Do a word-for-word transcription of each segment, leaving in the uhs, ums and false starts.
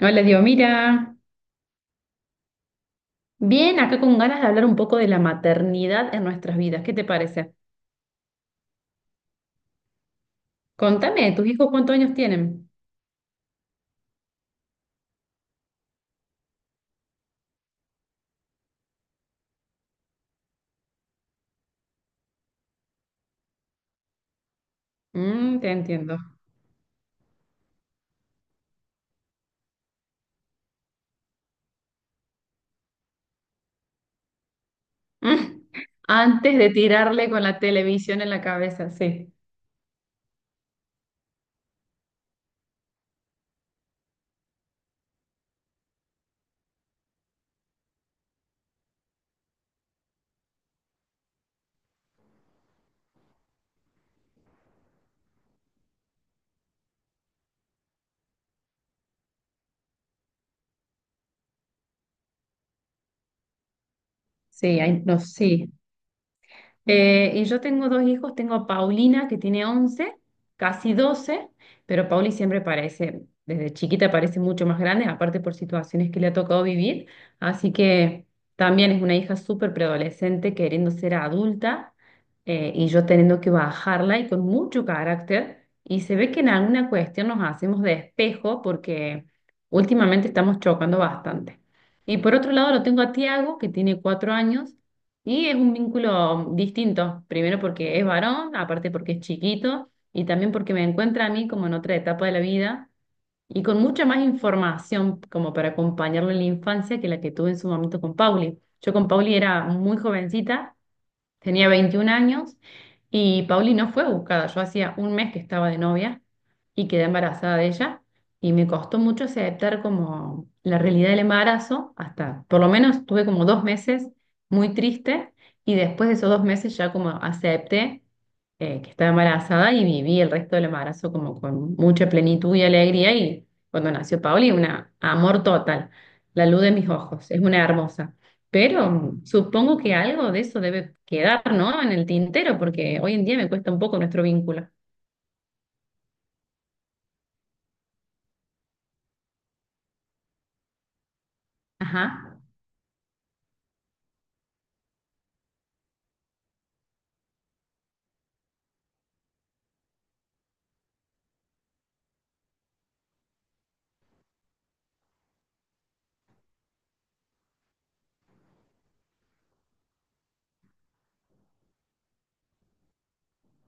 Hola, digo, mira, bien, acá con ganas de hablar un poco de la maternidad en nuestras vidas. ¿Qué te parece? Contame, ¿tus hijos cuántos años tienen? Mm, te entiendo. Mm. Antes de tirarle con la televisión en la cabeza, sí. Sí, hay- no, sí. Eh, y yo tengo dos hijos, tengo a Paulina que tiene once casi doce, pero Pauli siempre parece, desde chiquita parece mucho más grande, aparte por situaciones que le ha tocado vivir, así que también es una hija súper preadolescente queriendo ser adulta, eh, y yo teniendo que bajarla y con mucho carácter, y se ve que en alguna cuestión nos hacemos de espejo porque últimamente estamos chocando bastante. Y por otro lado lo tengo a Tiago, que tiene cuatro años, y es un vínculo distinto, primero porque es varón, aparte porque es chiquito y también porque me encuentra a mí como en otra etapa de la vida y con mucha más información como para acompañarlo en la infancia que la que tuve en su momento con Pauli. Yo con Pauli era muy jovencita. Tenía veintiún años y Pauli no fue buscada. Yo hacía un mes que estaba de novia y quedé embarazada de ella, y me costó mucho aceptar como la realidad del embarazo hasta, por lo menos tuve como dos meses muy triste, y después de esos dos meses ya como acepté, eh, que estaba embarazada, y viví el resto del embarazo como con mucha plenitud y alegría, y cuando nació Pauli, un amor total, la luz de mis ojos, es una hermosa. Pero supongo que algo de eso debe quedar, ¿no? En el tintero, porque hoy en día me cuesta un poco nuestro vínculo. Ajá.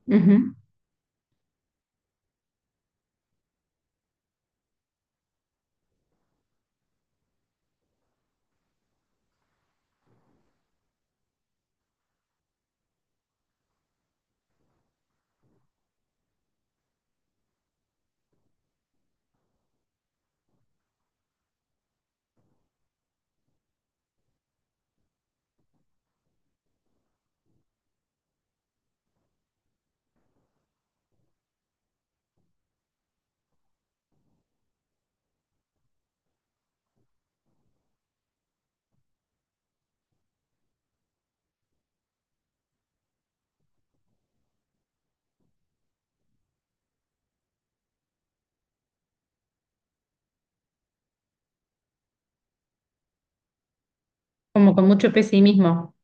Ujú. Como con mucho pesimismo.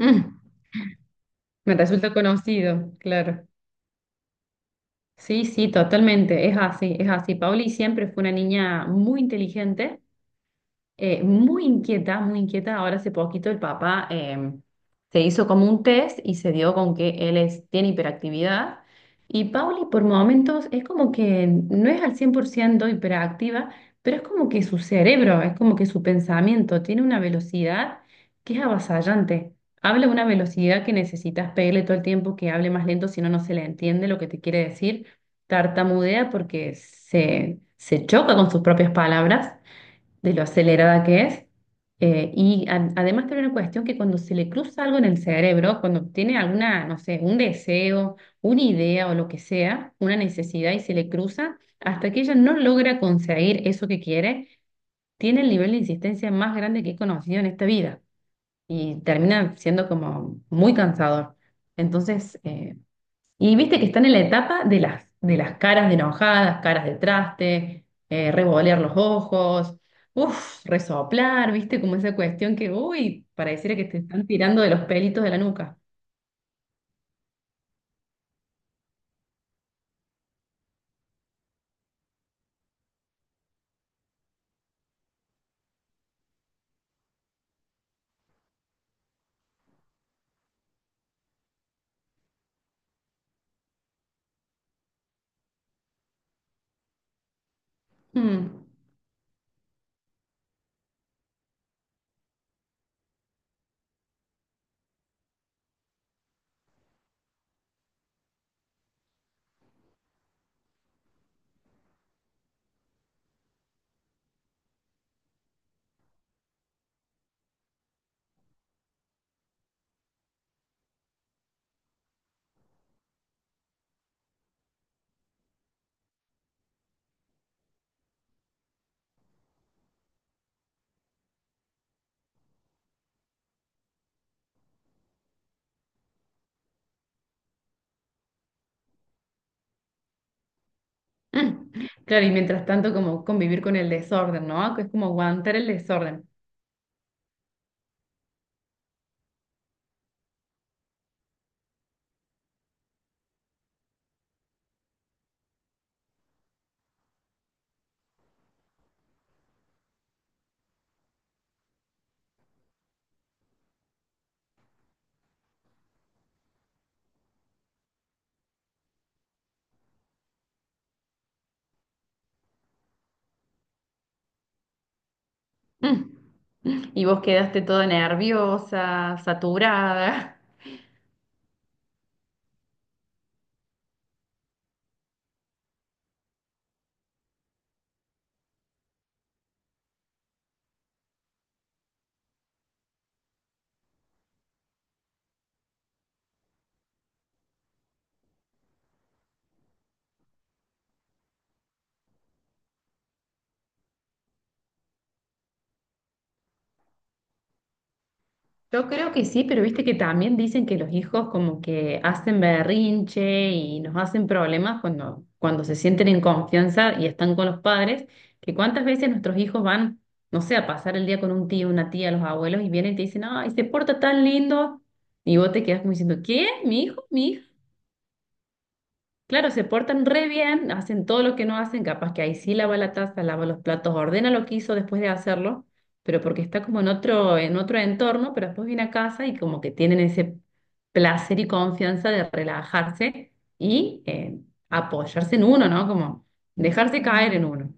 Mm. Me resulta conocido, claro. Sí, sí, totalmente. Es así, es así. Pauli siempre fue una niña muy inteligente, eh, muy inquieta, muy inquieta. Ahora hace poquito el papá, eh, se hizo como un test y se dio con que él es, tiene hiperactividad. Y Pauli por momentos es como que no es al cien por ciento hiperactiva, pero es como que su cerebro, es como que su pensamiento tiene una velocidad que es avasallante. Habla a una velocidad que necesitas pedirle todo el tiempo que hable más lento, si no, no se le entiende lo que te quiere decir. Tartamudea porque se, se choca con sus propias palabras de lo acelerada que es. Eh, y a- además tiene una cuestión que cuando se le cruza algo en el cerebro, cuando tiene alguna, no sé, un deseo, una idea o lo que sea, una necesidad y se le cruza, hasta que ella no logra conseguir eso que quiere, tiene el nivel de insistencia más grande que he conocido en esta vida, y termina siendo como muy cansador. Entonces, eh, y viste que están en la etapa de las, de las caras de enojadas, caras de traste, eh, revolear los ojos, uff, resoplar, viste, como esa cuestión que, uy, pareciera que te están tirando de los pelitos de la nuca. Mm. mm. Claro, y mientras tanto como convivir con el desorden, ¿no? Que es como aguantar el desorden. Mm. Y vos quedaste toda nerviosa, saturada. Yo creo que sí, pero viste que también dicen que los hijos como que hacen berrinche y nos hacen problemas cuando, cuando se sienten en confianza y están con los padres, que cuántas veces nuestros hijos van, no sé, a pasar el día con un tío, una tía, los abuelos y vienen y te dicen, ay, se porta tan lindo, y vos te quedás como diciendo, ¿qué? ¿Mi hijo? ¿Mi hija? Claro, se portan re bien, hacen todo lo que no hacen, capaz que ahí sí lava la taza, lava los platos, ordena lo que hizo después de hacerlo, pero porque está como en otro, en otro entorno, pero después viene a casa y como que tienen ese placer y confianza de relajarse y, eh, apoyarse en uno, ¿no? Como dejarse caer en uno.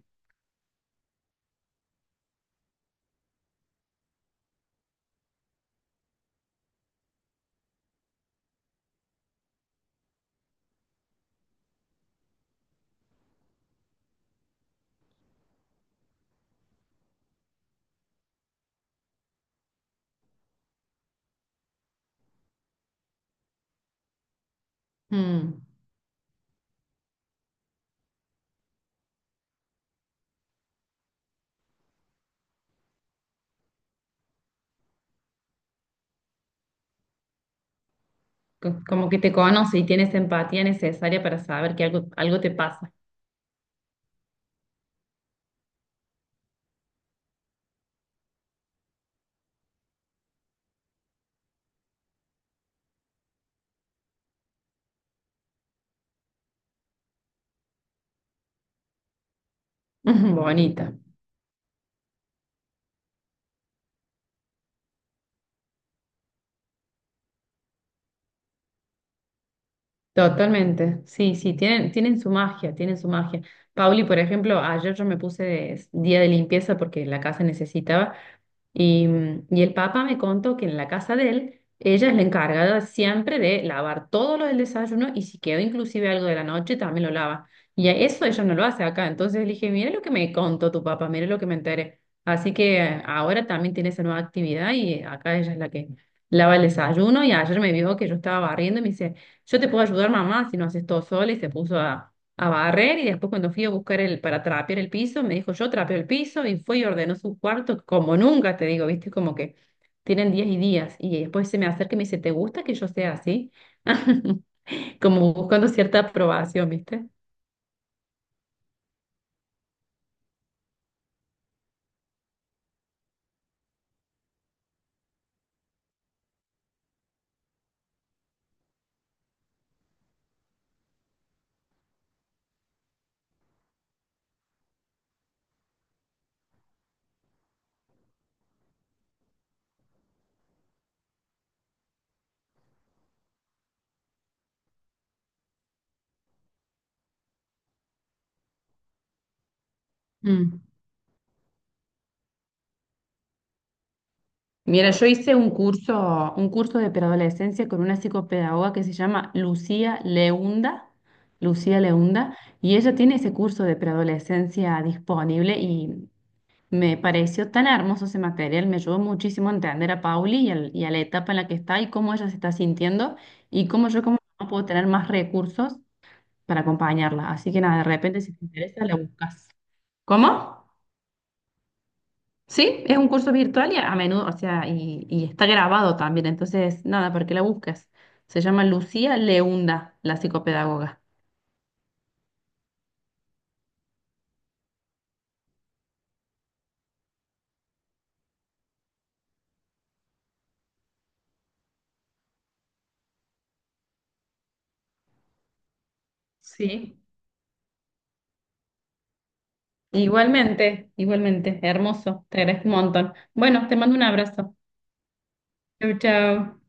Mm, co- como que te conoce y tienes empatía necesaria para saber que algo, algo te pasa. Bonita. Totalmente, sí, sí, tienen, tienen su magia, tienen su magia. Pauli, por ejemplo, ayer yo me puse de- día de limpieza porque la casa necesitaba, y, mm, y el papá me contó que en la casa de él, ella es la encargada siempre de lavar todo lo del desayuno, y si quedó inclusive algo de la noche, también lo lava. Y a eso ella no lo hace acá. Entonces le dije, mire lo que me contó tu papá, mire lo que me enteré. Así que eh, ahora también tiene esa nueva actividad y acá ella es la que lava el desayuno. Y ayer me vio que yo estaba barriendo y me dice, yo te puedo ayudar mamá si no haces todo sola, y se puso a a barrer, y después cuando fui a buscar el, para trapear el piso, me dijo, yo trapeo el piso, y fue y ordenó su cuarto como nunca, te digo, viste, como que tienen días y días. Y después se me acerca y me dice, ¿te gusta que yo sea así? Como buscando cierta aprobación, viste. Mm. Mira, yo hice un curso, un curso de preadolescencia con una psicopedagoga que se llama Lucía Leunda, Lucía Leunda, y ella tiene ese curso de preadolescencia disponible, y me pareció tan hermoso ese material, me ayudó muchísimo a entender a Pauli y, al- y a la etapa en la que está y cómo ella se está sintiendo, y cómo yo como mamá puedo tener más recursos para acompañarla. Así que nada, de repente si te interesa, la buscas. ¿Cómo? Sí, es un curso virtual y a menudo, o sea, y, y está grabado también, entonces nada, para que la busques. Se llama Lucía Leunda, la psicopedagoga. Sí. Igualmente, igualmente, hermoso, te agradezco un montón. Bueno, te mando un abrazo. Chau, chau.